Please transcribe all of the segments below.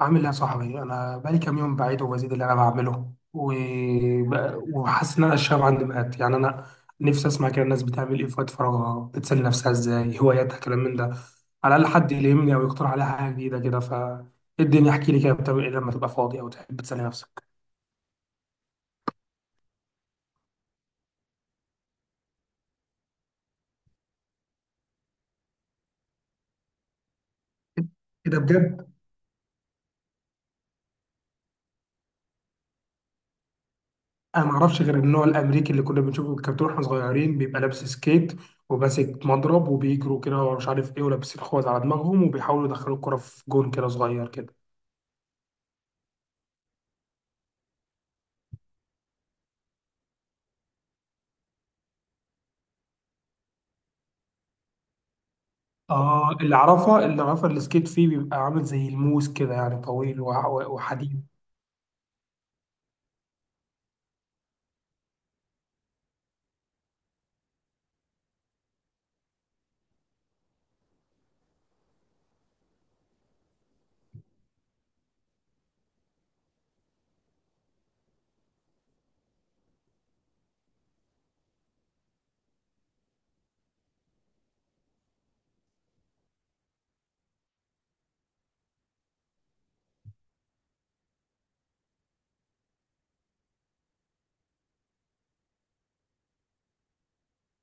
عامل ايه يا صاحبي؟ انا بقالي كام يوم بعيد وبزيد اللي انا بعمله وحاسس ان انا الشغف عندي مات. يعني انا نفسي اسمع كده الناس بتعمل ايه في وقت فراغها، بتسلي نفسها ازاي، هواياتها، كلام من ده. على الاقل حد يلهمني او يقترح عليها حاجه جديده كده. ف إيه الدنيا؟ احكي لي كده بتعمل ايه لما تبقى فاضي او تحب تسلي نفسك؟ كده بجد؟ انا ما اعرفش غير النوع الامريكي اللي كنا بنشوفه في الكرتون واحنا صغيرين، بيبقى لابس سكيت وماسك مضرب وبيجروا كده ومش عارف ايه، ولابسين خوذ على دماغهم وبيحاولوا يدخلوا الكرة في جون كده صغير كده. اه، اللي اعرفها اللي اعرفها السكيت فيه بيبقى عامل زي الموس كده، يعني طويل وحديد.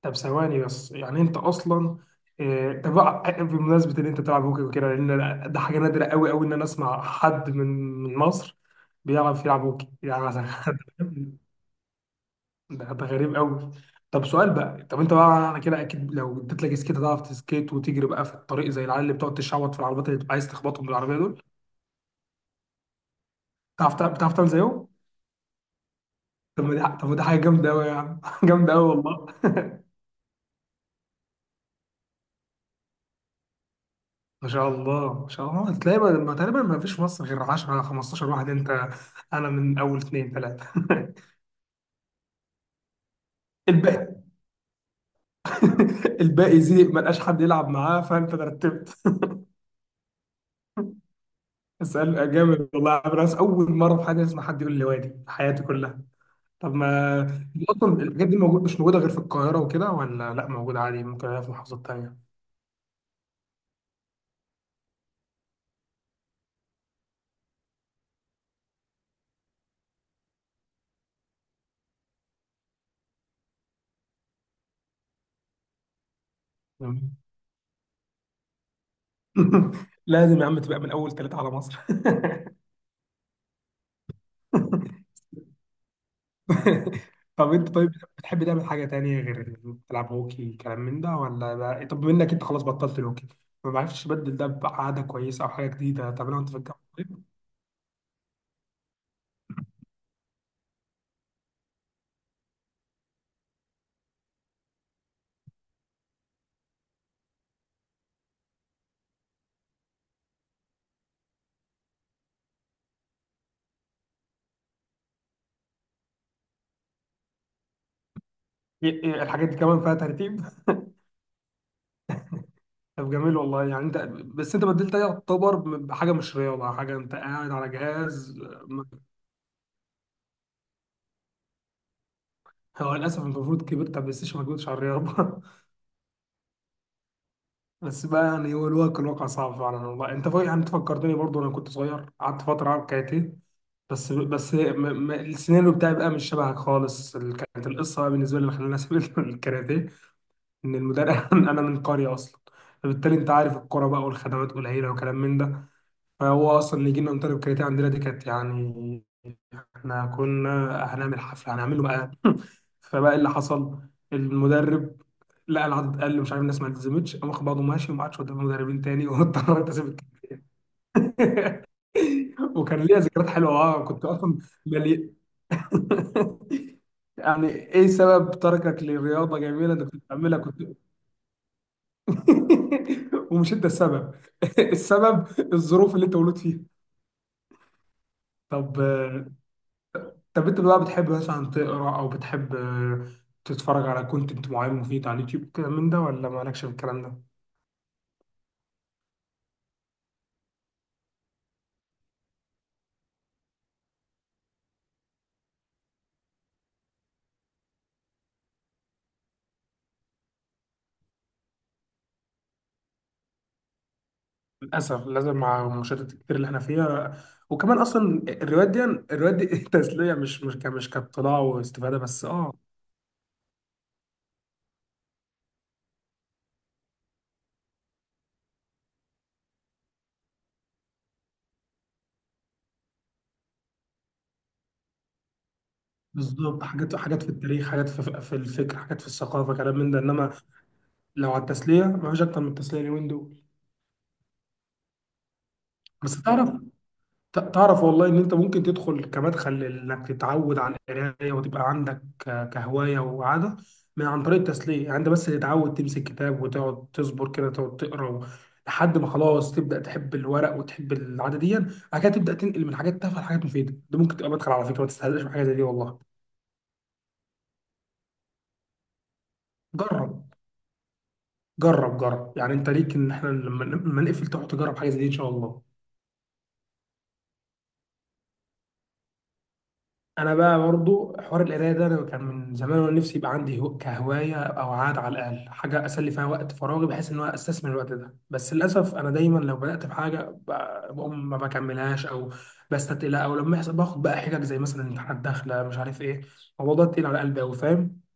طب ثواني بس، يعني انت اصلا طب بمناسبه ان انت تلعب هوكي وكده، لان ده حاجه نادره قوي قوي ان انا اسمع حد من من مصر بيعرف يلعب هوكي، يعني ده ده غريب قوي. طب سؤال بقى، طب انت بقى انا كده اكيد لو اديت لك سكيت هتعرف تسكيت وتجري بقى في الطريق زي العيال اللي بتقعد تشعوط في العربيات اللي بتبقى عايز تخبطهم بالعربيه دول؟ بتعرف بتعرف تعمل زيهم؟ طب ما دي طب ما دي حاجه جامده قوي يا عم جامده قوي والله. ما شاء الله ما شاء الله، تلاقي تقريبا ما فيش في مصر غير 10 15 واحد. انت انا من اول اثنين ثلاثه الباقي الباقي زي ما لقاش حد يلعب معاه فانت ترتبت اسال جامد والله يا عم، ناس اول مره في حياتي اسمع حد يقول لي، وادي في حياتي كلها. طب ما دي اصلا الحاجات دي موجود مش موجوده غير في القاهره وكده، ولا لا موجوده عادي ممكن الاقيها في محافظات تانيه؟ لازم يا عم تبقى من اول ثلاثه على مصر طب انت طيب، بتحب تعمل حاجة تانية غير تلعب هوكي كلام من ده، ولا ده طب منك انت خلاص بطلت الهوكي؟ ما بعرفش، تبدل ده بعادة كويسة او حاجة جديدة تعملها وانت في الجامعة طيب؟ ايه الحاجات دي كمان فيها ترتيب؟ طب جميل والله، يعني انت، بس انت بدلت ده يعتبر بحاجة مش رياضة، حاجة انت قاعد على جهاز. ما- هو للاسف انت المفروض كبرت على البلاي ستيشن، ما كنتش على الرياضة بس بقى يعني هو الواقع الواقع صعب فعلا والله. انت يعني انت فكرتني برضه، انا كنت صغير قعدت فترة العب كاراتيه، بس السيناريو بتاعي بقى مش شبهك خالص. كانت القصه بقى بالنسبه لي اللي خلاني اسيب الكاراتيه ان المدرب انا من قريه اصلا، فبالتالي انت عارف الكوره بقى والخدمات قليله وكلام من ده، فهو اصلا اللي يجي لنا مدرب كاراتيه عندنا دي كانت يعني، احنا كنا هنعمل حفله هنعمله بقى فبقى اللي حصل المدرب لقى العدد قل، مش عارف الناس ما التزمتش، قام واخد بعضه ماشي وما عادش قدام مدربين تاني واضطريت اسيب الك- وكان ليا ذكريات حلوه، اه كنت اصلا مليان يعني ايه سبب تركك لرياضة جميلة انت كنت بتعملها كنت ومش انت السبب السبب الظروف اللي انت مولود فيها. طب، طب انت بقى بتحب مثلا تقرا او بتحب تتفرج على كونتنت معين مفيد على اليوتيوب كده من ده، ولا مالكش في الكلام ده؟ للاسف لازم مع المشاهدات الكتير اللي احنا فيها. وكمان اصلا الروايات دي الروايات دي تسلية، مش كاطلاع واستفادة بس، اه. بالظبط، حاجات حاجات في التاريخ، حاجات في, في الفكر، حاجات في الثقافه، كلام من ده. انما لو على التسليه، ما فيش اكتر من التسليه اليومين دول. بس تعرف، تعرف والله ان انت ممكن تدخل كمدخل انك تتعود على القرايه وتبقى عندك كهوايه وعاده من عن طريق التسليه. يعني انت بس تتعود تمسك كتاب وتقعد تصبر كده، تقعد تقرا لحد ما خلاص تبدا تحب الورق وتحب العاده دي. بعد كده تبدا تنقل من حاجات تافهه لحاجات مفيده. ده ممكن تبقى مدخل على فكره، ما تستهزئش بحاجه زي دي والله. جرب، جرب جرب، يعني انت ليك ان احنا لما نقفل تروح تجرب حاجه زي دي ان شاء الله. انا بقى برضو حوار القرايه ده انا كان من زمان وانا نفسي يبقى عندي كهوايه او عاده، على الاقل حاجه اسلي فيها وقت فراغي بحيث ان انا استثمر الوقت ده. بس للاسف انا دايما لو بدات بحاجه، بقوم ما بكملهاش او بستتقلها، او لما يحصل باخد بقى حجج زي مثلا امتحانات داخله مش عارف ايه، الموضوع ده تقيل على قلبي قوي فاهم.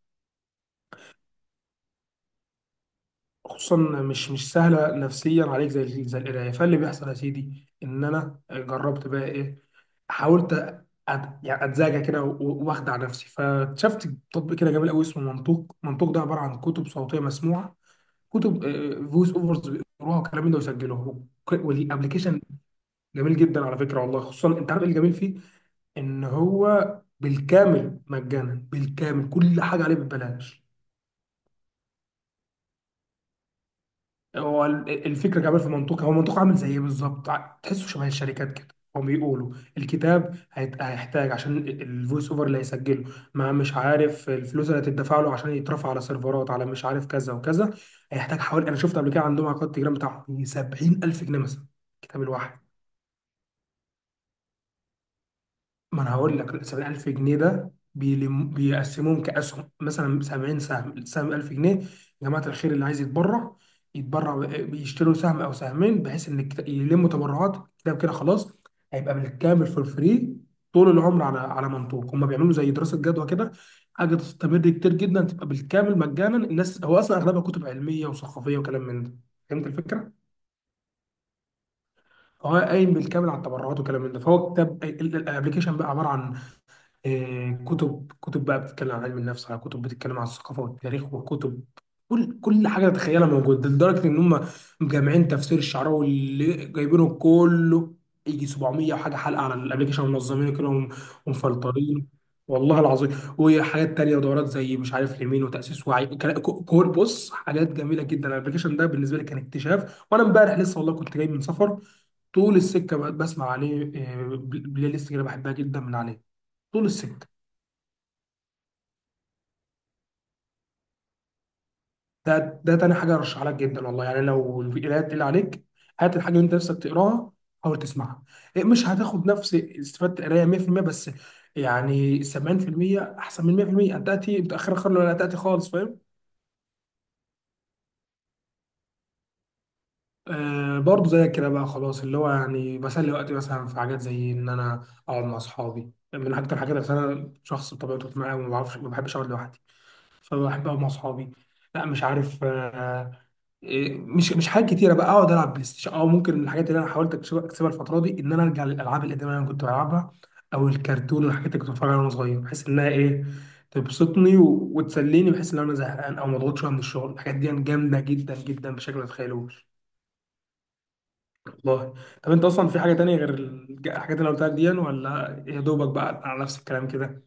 خصوصا مش مش سهله نفسيا عليك زي زي القرايه. فاللي بيحصل يا سيدي ان انا جربت بقى ايه، حاولت يعني اتزاجى كده واخدع نفسي، فاكتشفت تطبيق كده جميل قوي اسمه منطوق. منطوق ده عباره عن كتب صوتيه مسموعه، كتب فويس اوفرز بيقروها والكلام ده ويسجلوها والابلكيشن جميل جدا على فكره والله. خصوصا انت عارف ايه الجميل فيه؟ ان هو بالكامل مجانا، بالكامل كل حاجه عليه ببلاش. هو الفكره كمان في منطقه، هو منطقه عامل زي ايه بالظبط، تحسه شبه الشركات كده. هم بيقولوا الكتاب هيحتاج عشان الفويس اوفر اللي هيسجله، ما مش عارف الفلوس اللي هتدفع له عشان يترفع على سيرفرات على مش عارف كذا وكذا، هيحتاج حوالي، انا شفت قبل كده عندهم على قناه التليجرام بتاعهم 70000 جنيه مثلا الكتاب الواحد. ما انا هقول لك 70000 جنيه ده بيقسموهم كاسهم مثلا 70 سهم، السهم 1000 جنيه. يا جماعه الخير اللي عايز يتبرع يتبرع بيشتروا سهم او سهمين بحيث ان يلموا تبرعات كده وكده خلاص، هيبقى بالكامل في الفري طول العمر على على منطوق. هم بيعملوا زي دراسه جدوى كده، حاجه تستمر كتير جدا تبقى بالكامل مجانا الناس. هو اصلا اغلبها كتب علميه وثقافيه وكلام من ده. فهمت الفكره؟ هو قايم بالكامل على التبرعات وكلام من ده. فهو كتاب الابلكيشن بقى عباره عن كتب بقى بتتكلم عن علم النفس، على كتب بتتكلم عن الثقافه والتاريخ، وكتب كل حاجه تتخيلها موجوده. لدرجه ان هم مجمعين تفسير الشعراوي اللي جايبينه كله، يجي 700 وحاجه حلقه على الابلكيشن، منظمينه كده ومفلترينه. والله العظيم. وحاجات تانية ودورات زي مش عارف اليمين وتأسيس وعي كل بص حاجات جميلة جدا. الابلكيشن ده بالنسبة لي كان اكتشاف، وانا امبارح لسه والله كنت جاي من سفر، طول السكة بقى بسمع عليه بلاي ليست كده بحبها جدا من عليه طول السكه. ده ده تاني حاجه ارشح لك جدا والله. يعني لو القرايه تقيل عليك، هات الحاجه اللي انت نفسك تقراها حاول تسمعها. مش هتاخد نفس استفاده القرايه 100%، بس يعني 70% احسن من 100%، انت تاتي متاخر خالص ولا تاتي خالص فاهم. آه برضه زي كده بقى خلاص، اللي هو يعني بسلي وقتي مثلا في حاجات زي ان انا اقعد مع اصحابي، من اكتر الحاجات عشان انا شخص بطبيعته اجتماعي وما بعرفش ما بحبش اقعد لوحدي، فبحب اقعد مع اصحابي. لا مش عارف، آه، إيه، مش مش حاجات كتيره بقى، اقعد العب بلاي ستيشن، او ممكن من الحاجات اللي انا حاولت اكسبها اكسبها الفتره دي ان انا ارجع للالعاب القديمه اللي انا كنت بلعبها او الكرتون والحاجات اللي كنت بتفرج عليها وانا صغير، بحيث انها ايه، تبسطني وتسليني، بحيث ان انا زهقان او مضغوط شويه من الشغل. الحاجات دي جامده جدا جدا بشكل ما تتخيلوش والله. طب انت اصلا في حاجه تانية غير الحاجات اللي أنا قلتها لك دي، ولا يا دوبك بقى على نفس الكلام كده؟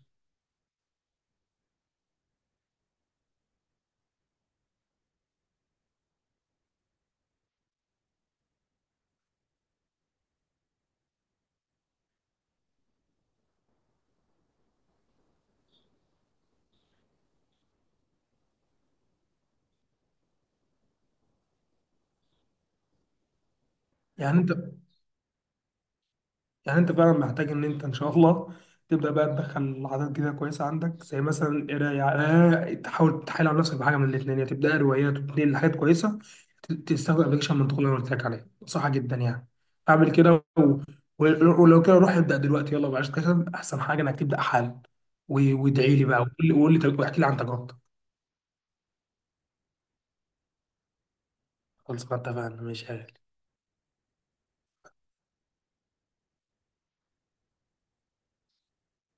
يعني انت، يعني انت فعلا محتاج ان انت ان شاء الله تبدا بقى تدخل عادات جديده كويسه عندك، زي مثلا القرايه. تحاول تحايل على نفسك بحاجه من الاثنين، يا تبدا روايات وتنقل لحاجات كويسه، تستخدم ابلكيشن منطقي اللي انا قلت لك عليه، صح جدا يعني. اعمل كده و... ولو كده روح ابدا دلوقتي، يلا بلاش كسل، احسن حاجه انك تبدا حالا. وادعي لي بقى وقول لي واحكي لي عن تجربتك. خلاص ما اتفقنا، ماشي يا غالي.